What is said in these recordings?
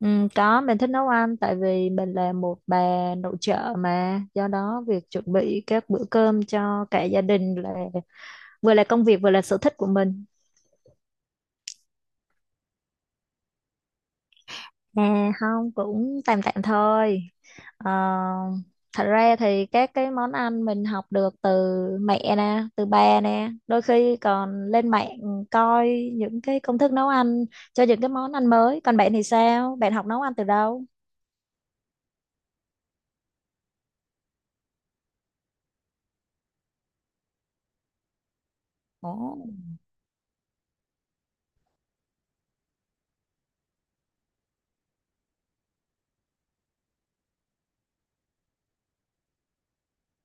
Ừ, có mình thích nấu ăn tại vì mình là một bà nội trợ mà do đó việc chuẩn bị các bữa cơm cho cả gia đình là vừa là công việc vừa là sở thích của mình. Không cũng tạm tạm thôi. Ờ, Thật ra thì các cái món ăn mình học được từ mẹ nè, từ ba nè, đôi khi còn lên mạng coi những cái công thức nấu ăn cho những cái món ăn mới. Còn bạn thì sao? Bạn học nấu ăn từ đâu? Ồ.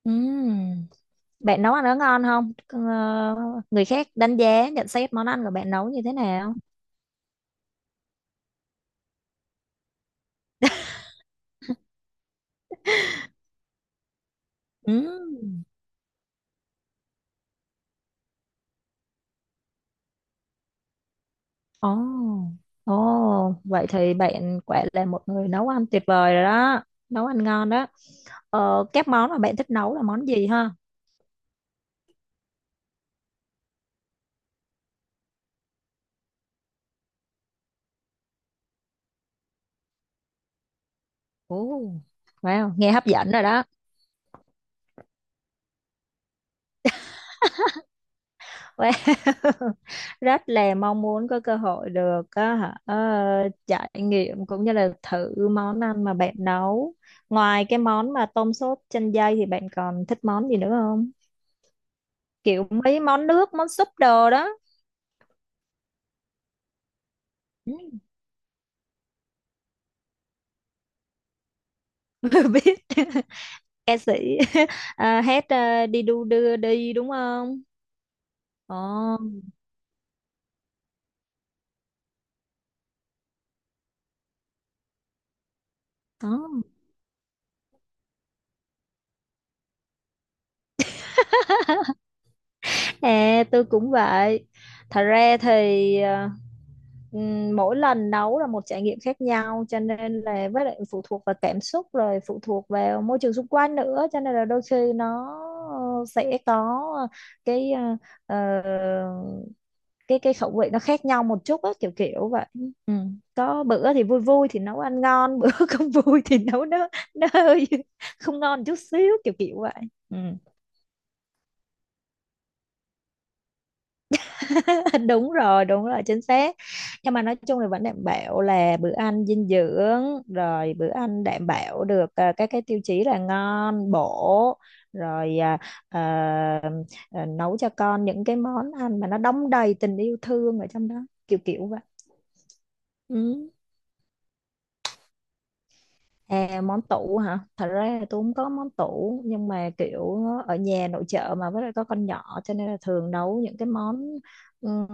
Ừ. Bạn nấu ăn nó ngon không? Ờ, Người khác đánh giá, nhận xét món ăn của bạn nấu như thế nào? Ừ. Ồ, ồ, vậy thì bạn quả là một người nấu ăn tuyệt vời rồi đó, nấu ăn ngon đó. Các món mà bạn thích nấu là món gì ha? Ồ, wow, nghe hấp dẫn rồi đó. Wow. Rất là mong muốn có cơ hội được á hả, trải nghiệm cũng như là thử món ăn mà bạn nấu. Ngoài cái món mà tôm sốt chanh dây thì bạn còn thích món gì nữa không? Kiểu mấy món nước, món súp đồ đó. Ừ, biết ca sĩ. Hát, đi đu đưa đi đúng không? Ồ, đó. À, tôi cũng vậy. Thật ra thì mỗi lần nấu là một trải nghiệm khác nhau, cho nên là với lại phụ thuộc vào cảm xúc, rồi phụ thuộc vào môi trường xung quanh nữa, cho nên là đôi khi nó sẽ có cái ờ, cái khẩu vị nó khác nhau một chút á, kiểu kiểu vậy. Ừ. Có bữa thì vui vui thì nấu ăn ngon, bữa không vui thì nấu nó hơi không ngon chút xíu, kiểu kiểu vậy. Ừ. Đúng rồi, đúng rồi, chính xác. Nhưng mà nói chung là vẫn đảm bảo là bữa ăn dinh dưỡng, rồi bữa ăn đảm bảo được các cái tiêu chí là ngon bổ, rồi ờ, ờ, nấu cho con những cái món ăn mà nó đong đầy tình yêu thương ở trong đó, kiểu kiểu vậy. Ừ. À, món tủ hả? Thật ra là tôi không có món tủ, nhưng mà kiểu ở nhà nội trợ mà với lại có con nhỏ cho nên là thường nấu những cái món ừm,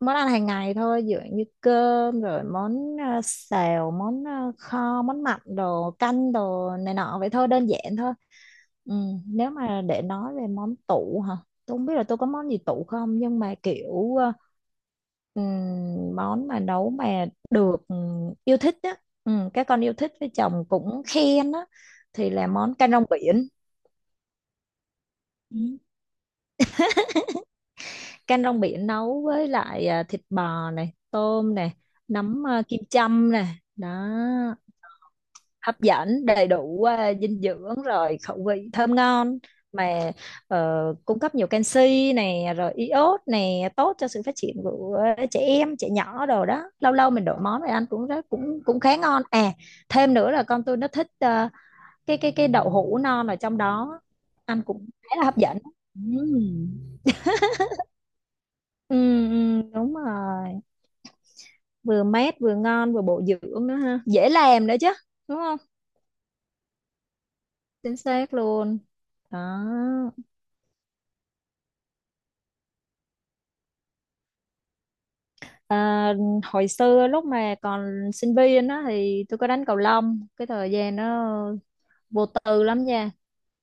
món ăn hàng ngày thôi, ví dụ như cơm, rồi món xào, món kho, món mặn đồ, canh đồ này nọ vậy thôi, đơn giản thôi. Ừ, nếu mà để nói về món tủ hả? Tôi không biết là tôi có món gì tủ không, nhưng mà kiểu món mà nấu mà được yêu thích á, các con yêu thích, với chồng cũng khen á, thì là món canh rong biển. Ừ. Canh rong biển nấu với lại thịt bò này, tôm này, nấm kim châm này. Đó. Hấp dẫn, đầy đủ dinh dưỡng, rồi khẩu vị thơm ngon mà cung cấp nhiều canxi này, rồi iốt này, tốt cho sự phát triển của trẻ em, trẻ nhỏ đồ đó. Lâu lâu mình đổi món này ăn cũng rất cũng cũng khá ngon à. Thêm nữa là con tôi nó thích cái đậu hũ non ở trong đó, ăn cũng khá là hấp dẫn. Ừm. Ừ, ừ, đúng rồi, vừa mát vừa ngon vừa bổ dưỡng nữa ha, dễ làm nữa chứ, đúng không? Chính xác luôn. Đó. À, hồi xưa lúc mà còn sinh viên đó thì tôi có đánh cầu lông, cái thời gian nó vô tư lắm nha.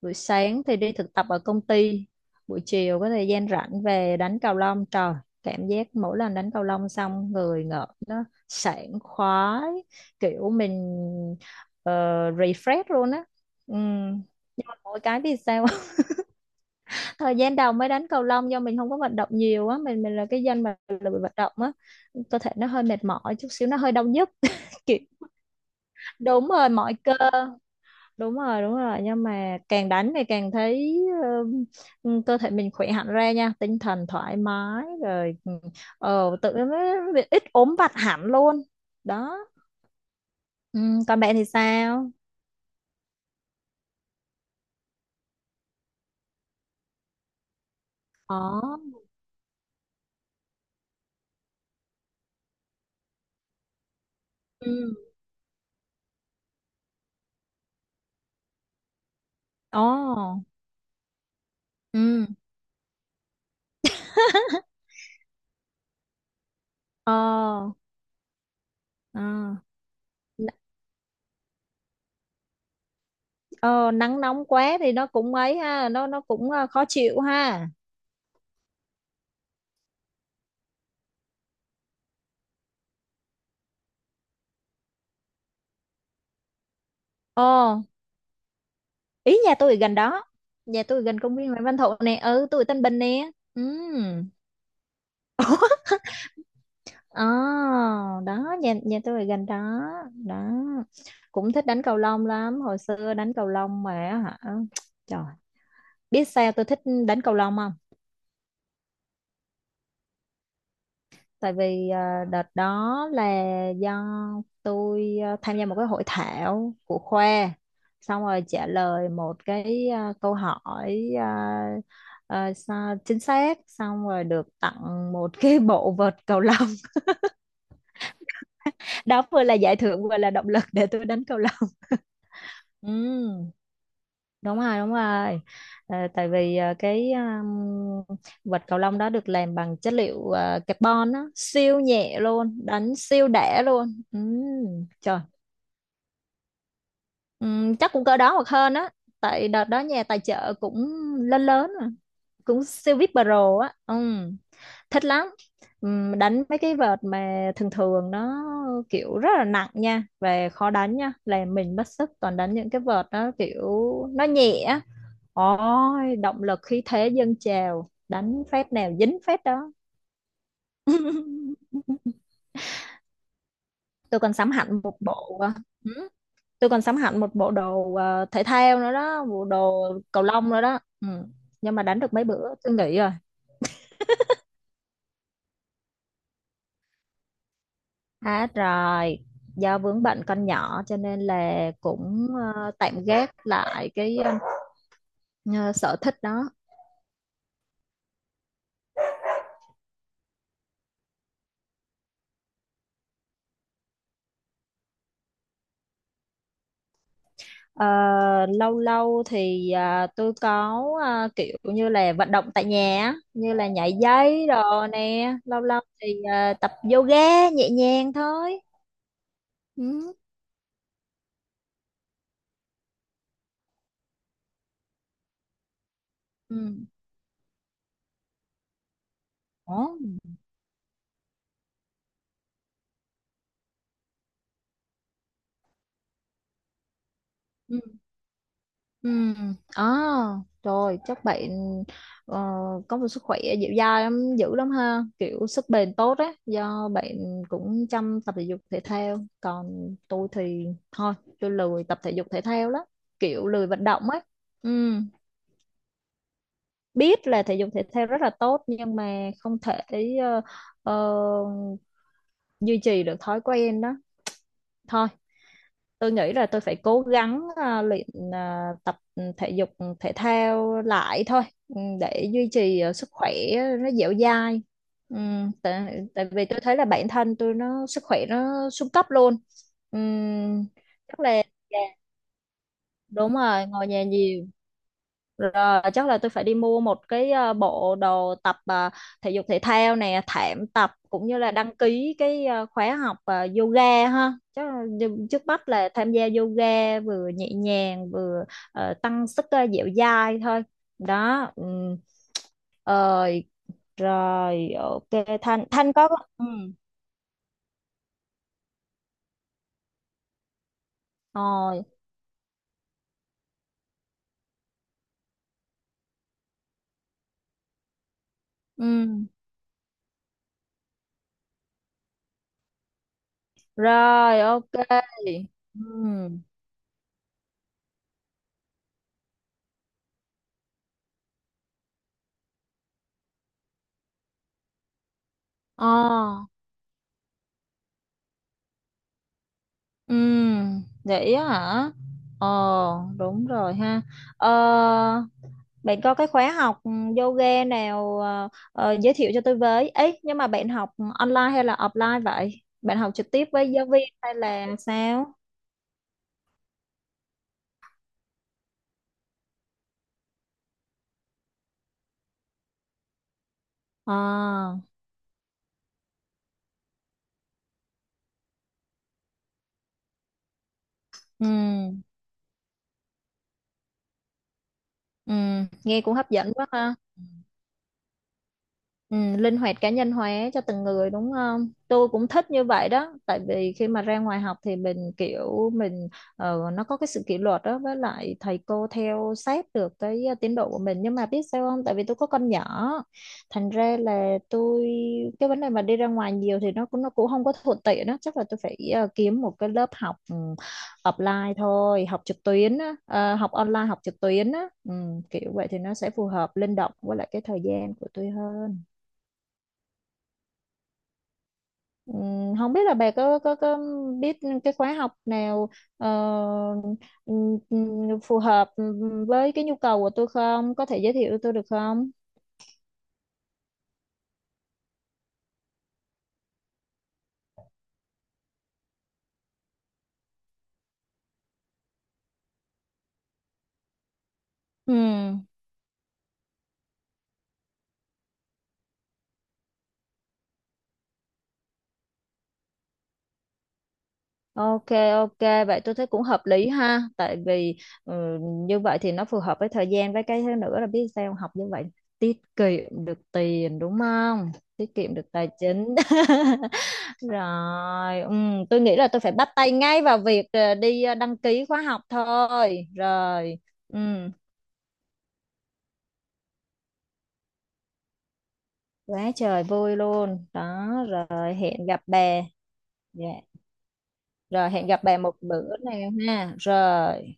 Buổi sáng thì đi thực tập ở công ty, buổi chiều có thời gian rảnh về đánh cầu lông. Trời, cảm giác mỗi lần đánh cầu lông xong người ngợp nó sảng khoái, kiểu mình ờ, refresh luôn á. Ừ. Nhưng mà mỗi cái thì sao, thời gian đầu mới đánh cầu lông do mình không có vận động nhiều á, mình là cái dân mà lười vận động á, cơ thể nó hơi mệt mỏi chút xíu, nó hơi đau nhức, kiểu. Đúng rồi, mỏi cơ. Đúng rồi, đúng rồi. Nhưng mà càng đánh thì càng thấy cơ thể mình khỏe hẳn ra nha, tinh thần thoải mái, rồi tự nó ít ốm vặt hẳn luôn. Đó. Còn bạn thì sao? Ồ. Ừ. Ồ. Ừ. Ờ. Ờ. Ờ, Nắng nóng quá thì nó cũng ấy ha, nó cũng khó chịu ha. Ờ, Ý nhà tôi ở gần đó. Nhà tôi gần công viên Nguyễn Văn Thụ nè, ừ, tôi ở Tân Bình nè. Ừ. Ờ, Đó, nhà nhà tôi ở gần đó. Đó. Cũng thích đánh cầu lông lắm, hồi xưa đánh cầu lông mà, hả? Trời, biết sao tôi thích đánh cầu lông không? Tại vì đợt đó là do tôi tham gia một cái hội thảo của khoa, xong rồi trả lời một cái câu hỏi, chính xác, xong rồi được tặng một cái bộ vợt cầu lông. Đó vừa là giải thưởng vừa là động lực để tôi đánh cầu lông. Ừ, đúng rồi, đúng rồi. Tại vì cái vợt cầu lông đó được làm bằng chất liệu carbon á, siêu nhẹ luôn, đánh siêu đẻ luôn. Trời. Chắc cũng cỡ đó hoặc hơn á, tại đợt đó nhà tài trợ cũng lớn lớn mà, cũng siêu vip pro á. Thích lắm. Đánh mấy cái vợt mà thường thường nó kiểu rất là nặng nha, về khó đánh nha, làm mình mất sức. Toàn đánh những cái vợt nó kiểu nó nhẹ. Ôi, động lực khí thế dâng trào, đánh phép nào dính phép đó. Tôi còn sắm hẳn một bộ ờ, ừ, tôi còn sắm hẳn một bộ đồ thể thao nữa đó, bộ đồ cầu lông nữa đó. Ừ. Nhưng mà đánh được mấy bữa tôi nghỉ rồi. Hết rồi, do vướng bệnh con nhỏ cho nên là cũng tạm gác lại cái ờ, sở thích đó. Ờ, Lâu lâu thì tôi có kiểu như là vận động tại nhà á, như là nhảy dây đồ nè, lâu lâu thì tập yoga nhẹ nhàng thôi. Ừ. Ừ. Ủa? Ừ. Ừ. à, Trời, chắc bạn ờ, có một sức khỏe dẻo dai lắm, dữ lắm ha, kiểu sức bền tốt á, do bạn cũng chăm tập thể dục thể thao. Còn tôi thì thôi, tôi lười tập thể dục thể thao lắm, kiểu lười vận động ấy. Ừ, biết là thể dục thể thao rất là tốt nhưng mà không thể ờ, ờ, duy trì được thói quen đó. Thôi, tôi nghĩ là tôi phải cố gắng luyện ờ, tập thể dục thể thao lại thôi, ừ, để duy trì sức khỏe nó dẻo dai. Ừ, tại vì tôi thấy là bản thân tôi nó sức khỏe nó xuống cấp luôn. Ừ, chắc là đúng rồi, ngồi nhà nhiều, rồi chắc là tôi phải đi mua một cái bộ đồ tập thể dục thể thao nè, thảm tập, cũng như là đăng ký cái khóa học yoga ha. Chắc là trước mắt là tham gia yoga, vừa nhẹ nhàng vừa tăng sức dẻo dai thôi. Đó. Ừ. Rồi. Rồi, ok. Thanh Thanh có. Ừ. Rồi. Ừ. Rồi, ok. Ừ. Ờ. Ừ, vậy á hả? Ờ, Đúng rồi ha. Ờ, Bạn có cái khóa học yoga nào giới thiệu cho tôi với? Ấy, nhưng mà bạn học online hay là offline vậy? Bạn học trực tiếp với giáo viên hay là sao? Ờ. Ừ. Nghe cũng hấp dẫn quá ha. Ừ, linh hoạt cá nhân hóa cho từng người đúng không? Tôi cũng thích như vậy đó, tại vì khi mà ra ngoài học thì mình kiểu mình nó có cái sự kỷ luật đó, với lại thầy cô theo sát được cái tiến độ của mình. Nhưng mà biết sao không? Tại vì tôi có con nhỏ, thành ra là tôi, cái vấn đề mà đi ra ngoài nhiều thì nó cũng không có thuận tiện đó, chắc là tôi phải kiếm một cái lớp học ừ, offline thôi, học trực tuyến á, học online, học trực tuyến á, ừ, kiểu vậy thì nó sẽ phù hợp linh động với lại cái thời gian của tôi hơn. Không biết là bà có biết cái khóa học nào ờ, phù hợp với cái nhu cầu của tôi không? Có thể giới thiệu tôi được không? Ừm. Ok, ok, vậy tôi thấy cũng hợp lý ha, tại vì ừ, như vậy thì nó phù hợp với thời gian, với cái thứ nữa là biết sao không? Học như vậy tiết kiệm được tiền, đúng không? Tiết kiệm được tài chính. Rồi, tôi nghĩ là tôi phải bắt tay ngay vào việc đi đăng ký khóa học thôi. Rồi, ừ, quá trời vui luôn. Đó, rồi hẹn gặp bè. Dạ. Rồi hẹn gặp bè một bữa nào ha. Rồi.